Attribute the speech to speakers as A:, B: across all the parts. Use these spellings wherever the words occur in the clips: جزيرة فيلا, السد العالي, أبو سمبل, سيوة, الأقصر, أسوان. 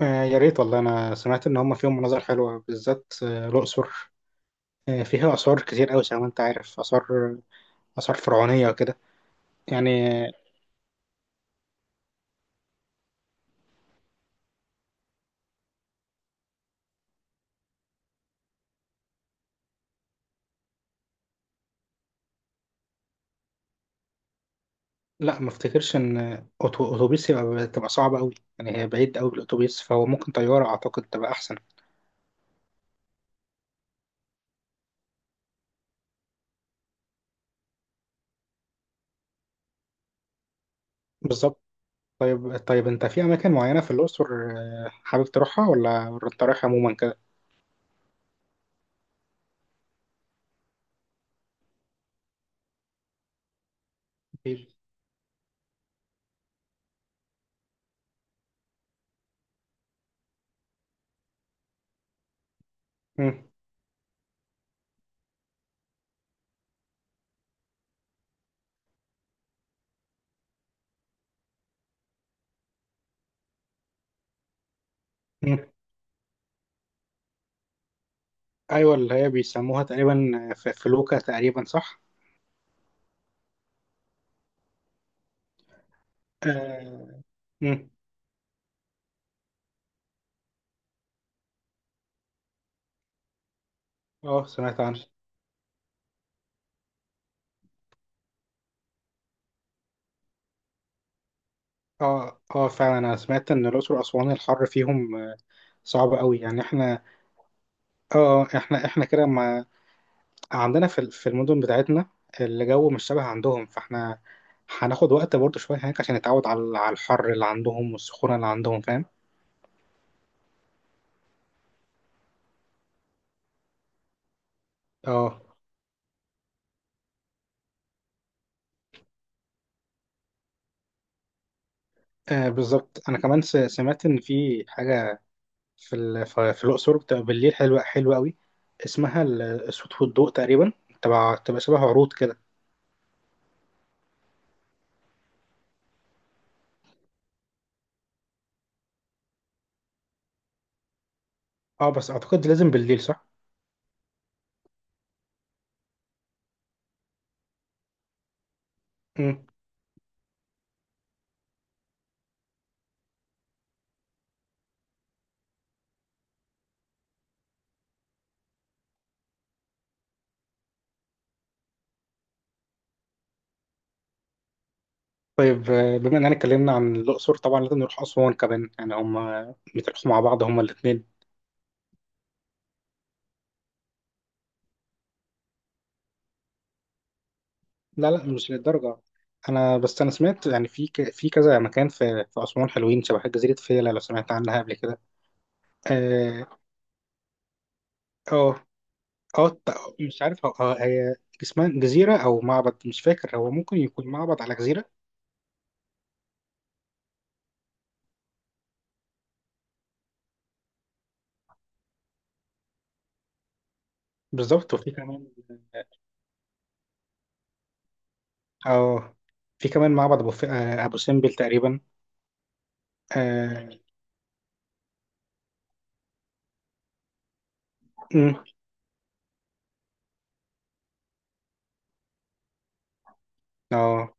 A: آه، يا ريت والله. انا سمعت ان هم فيهم مناظر حلوه، بالذات الاقصر. آه، فيها اثار كتير قوي زي ما انت عارف. اثار فرعونيه وكده. يعني آه. لا، ما افتكرش ان اتوبيس يبقى صعبه قوي. يعني هي بعيد قوي الاتوبيس، فهو ممكن طياره اعتقد تبقى احسن. بالظبط. طيب طيب، انت في اماكن معينه في الاقصر حابب تروحها، ولا انت رايح عموما كده؟ مم. مم. ايوه، اللي هي بيسموها تقريبا في فلوكه، تقريبا صح؟ آه. مم. اه، سمعت عنها. اه اه، فعلا. انا سمعت ان الاقصر واسوان الحر فيهم صعب قوي يعني. احنا اه اه، احنا كده ما عندنا في في المدن بتاعتنا الجو مش شبه عندهم، فاحنا هناخد وقت برضه شويه هناك عشان نتعود على الحر اللي عندهم والسخونه اللي عندهم، فاهم؟ اه، آه، بالظبط. انا كمان سمعت ان في حاجه في في الاقصر بتبقى بالليل حلوه حلوه قوي. اسمها الصوت والضوء تقريبا. تبع تبقى شبه عروض كده. اه، بس اعتقد لازم بالليل، صح؟ طيب بما اننا اتكلمنا عن الاقصر طبعا لازم نروح اسوان كمان، يعني هما بيتراحوا مع بعض هما الاثنين. لا لا، مش للدرجه. انا بس انا سمعت يعني في في كذا مكان في اسوان حلوين. شبه جزيره فيلا، لو سمعت عنها قبل كده. اه. اه. آه. مش عارف هي اسمها جزيره او معبد، مش فاكر، هو ممكن يكون معبد على جزيره. بالظبط وفي كمان. اه في كمان معبد ابو ف... آه، ابو سمبل تقريبا. اه. أمم. اه.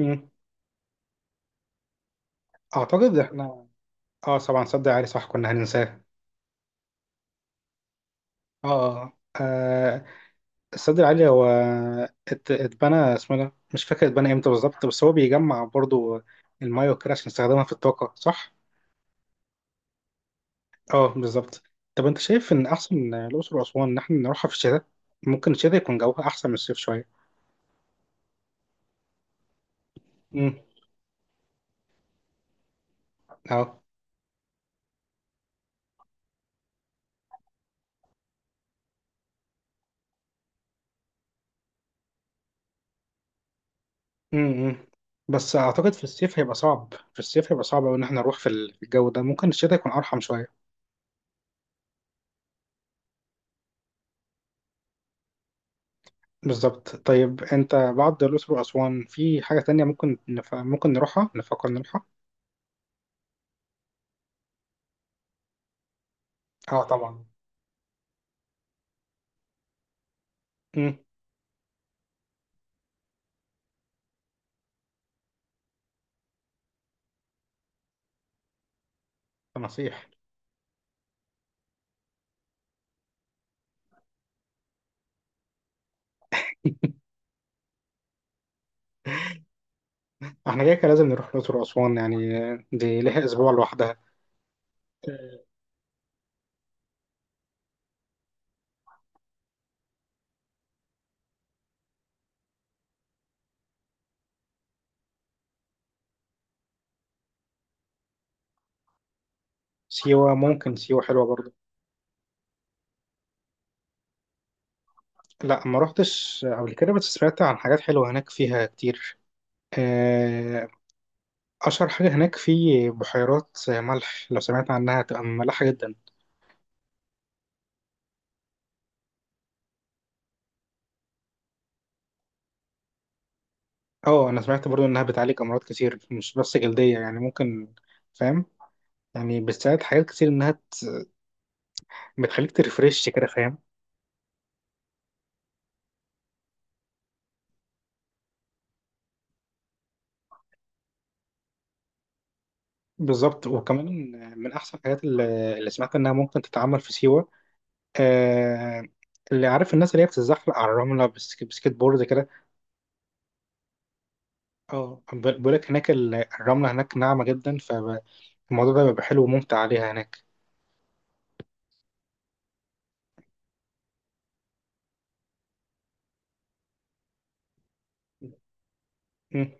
A: أمم. اعتقد احنا. اه، طبعا السد العالي صح، كنا هننساه. اه، آه، آه، السد العالي هو اتبنى، اسمه إيه ده، مش فاكر اتبنى امتى بالظبط. بس هو بيجمع برضو المايه وكده عشان نستخدمها في الطاقة، صح؟ اه، بالظبط. طب انت شايف ان احسن الاقصر واسوان ان احنا نروحها في الشتاء؟ ممكن الشتاء يكون جوها احسن من الصيف شوية. امم. اه. امم. بس اعتقد في الصيف هيبقى صعب، في الصيف هيبقى صعب أوي ان احنا نروح في الجو ده. ممكن الشتاء يكون ارحم شوية. بالظبط. طيب انت بعد الأقصر وأسوان في حاجة تانية ممكن ممكن نروحها، نفكر نروحها؟ اه، طبعا. امم. مسيح. احنا كده كده لازم نروح الأقصر وأسوان يعني، دي ليها أسبوع لوحدها. آه. سيوة، ممكن سيوة حلوة برضه. لا، ما روحتش قبل كده، بس سمعت عن حاجات حلوة هناك فيها كتير. آه، أشهر حاجة هناك في بحيرات ملح. لو سمعت عنها، هتبقى ملحة جدا. اه، أنا سمعت برضه إنها بتعالج أمراض كتير، مش بس جلدية. يعني ممكن، فاهم، يعني بتساعد حاجات كتير، انها بتخليك ترفرش كده، فاهم. بالظبط. وكمان من احسن الحاجات اللي سمعت انها ممكن تتعمل في سيوة، آه، اللي عارف الناس اللي هي بتتزحلق على الرملة بسكيت بورد كده. اه، بيقول لك هناك الرملة هناك ناعمة جدا، فالموضوع ده بيبقى حلو وممتع عليها هناك. مم.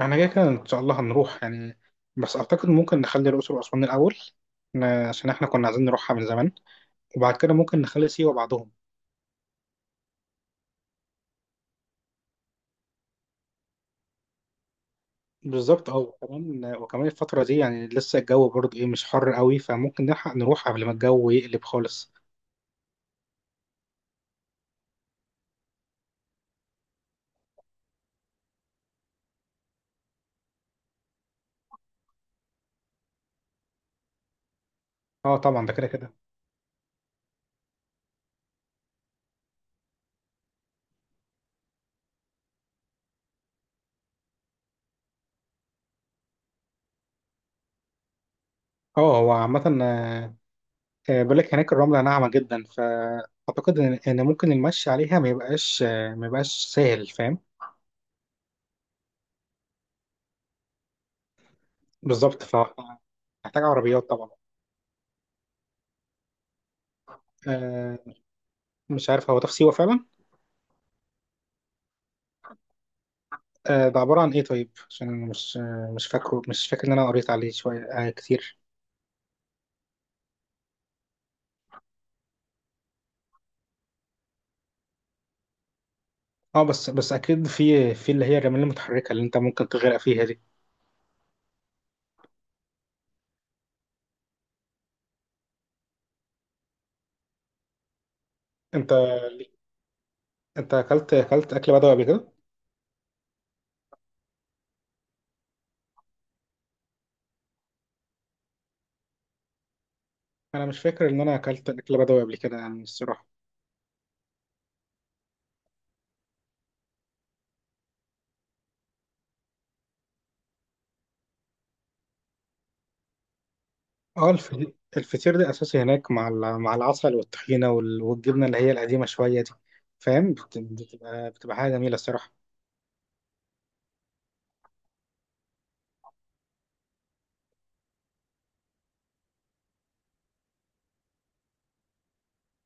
A: احنا كده كده ان شاء الله هنروح يعني. بس اعتقد ممكن نخلي الاقصر واسوان الاول، عشان احنا كنا عايزين نروحها من زمان. وبعد كده ممكن نخلي سيوة بعدهم. بالظبط، اه، وكمان الفترة دي يعني لسه الجو برضه ايه مش حر قوي، فممكن نلحق نروح قبل ما الجو يقلب خالص. اه، طبعا، ده كده كده. اه، هو عامة بقول لك هناك الرملة ناعمة جدا، فأعتقد إن ممكن المشي عليها ما يبقاش، ما يبقاش سهل، فاهم. بالظبط، فمحتاج عربيات طبعا. آه. مش عارف هو ده في سيوة فعلا؟ آه، ده عبارة عن ايه؟ طيب عشان أنا مش فاكر إن أنا قريت عليه شوية كتير. اه، بس اكيد في اللي هي الرمال المتحركه اللي انت ممكن تغرق فيها دي. انت انت اكلت اكل بدوي قبل كده؟ انا مش فاكر ان انا اكلت اكل بدوي قبل كده يعني الصراحه. اه، الفطير ده اساسي هناك مع مع العسل والطحينه والجبنه اللي هي القديمه شويه دي، فاهم، بتبقى حاجه جميله الصراحه.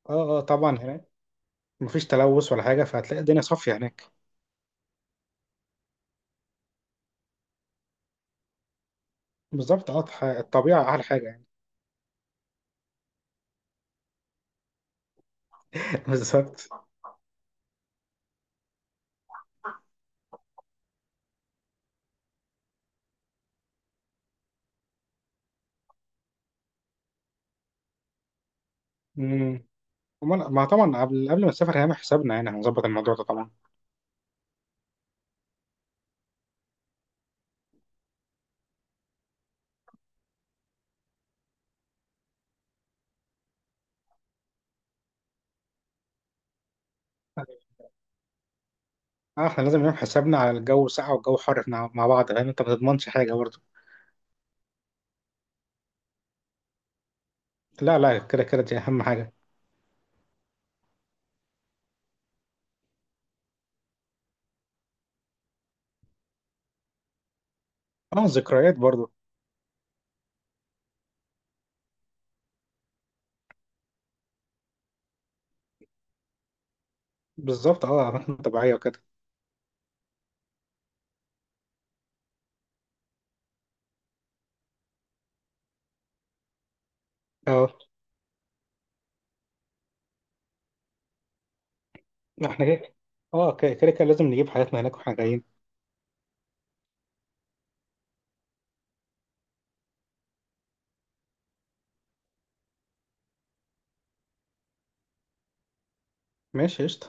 A: اه. اه طبعا هناك مفيش تلوث ولا حاجه، فهتلاقي الدنيا صافيه هناك. بالظبط، اه، الطبيعه احلى حاجه يعني. بالظبط. امم. امال، ما طبعا قبل ما نسافر هنعمل حسابنا، يعني هنظبط الموضوع ده طبعا. اه، احنا لازم نعمل حسابنا على الجو ساقع والجو حر، احنا مع بعض، لان انت ما تضمنش حاجه برضه. لا لا، كده كده دي اهم حاجه. اه، ذكريات برضه. بالظبط، اه، اماكن طبيعيه وكده. اه، احنا كده، اه كده كده كده لازم نجيب حاجاتنا هناك واحنا جايين. ماشي قشطه.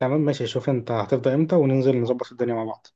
A: تمام، ماشي، شوف انت هتفضى امتى وننزل نظبط الدنيا مع بعض.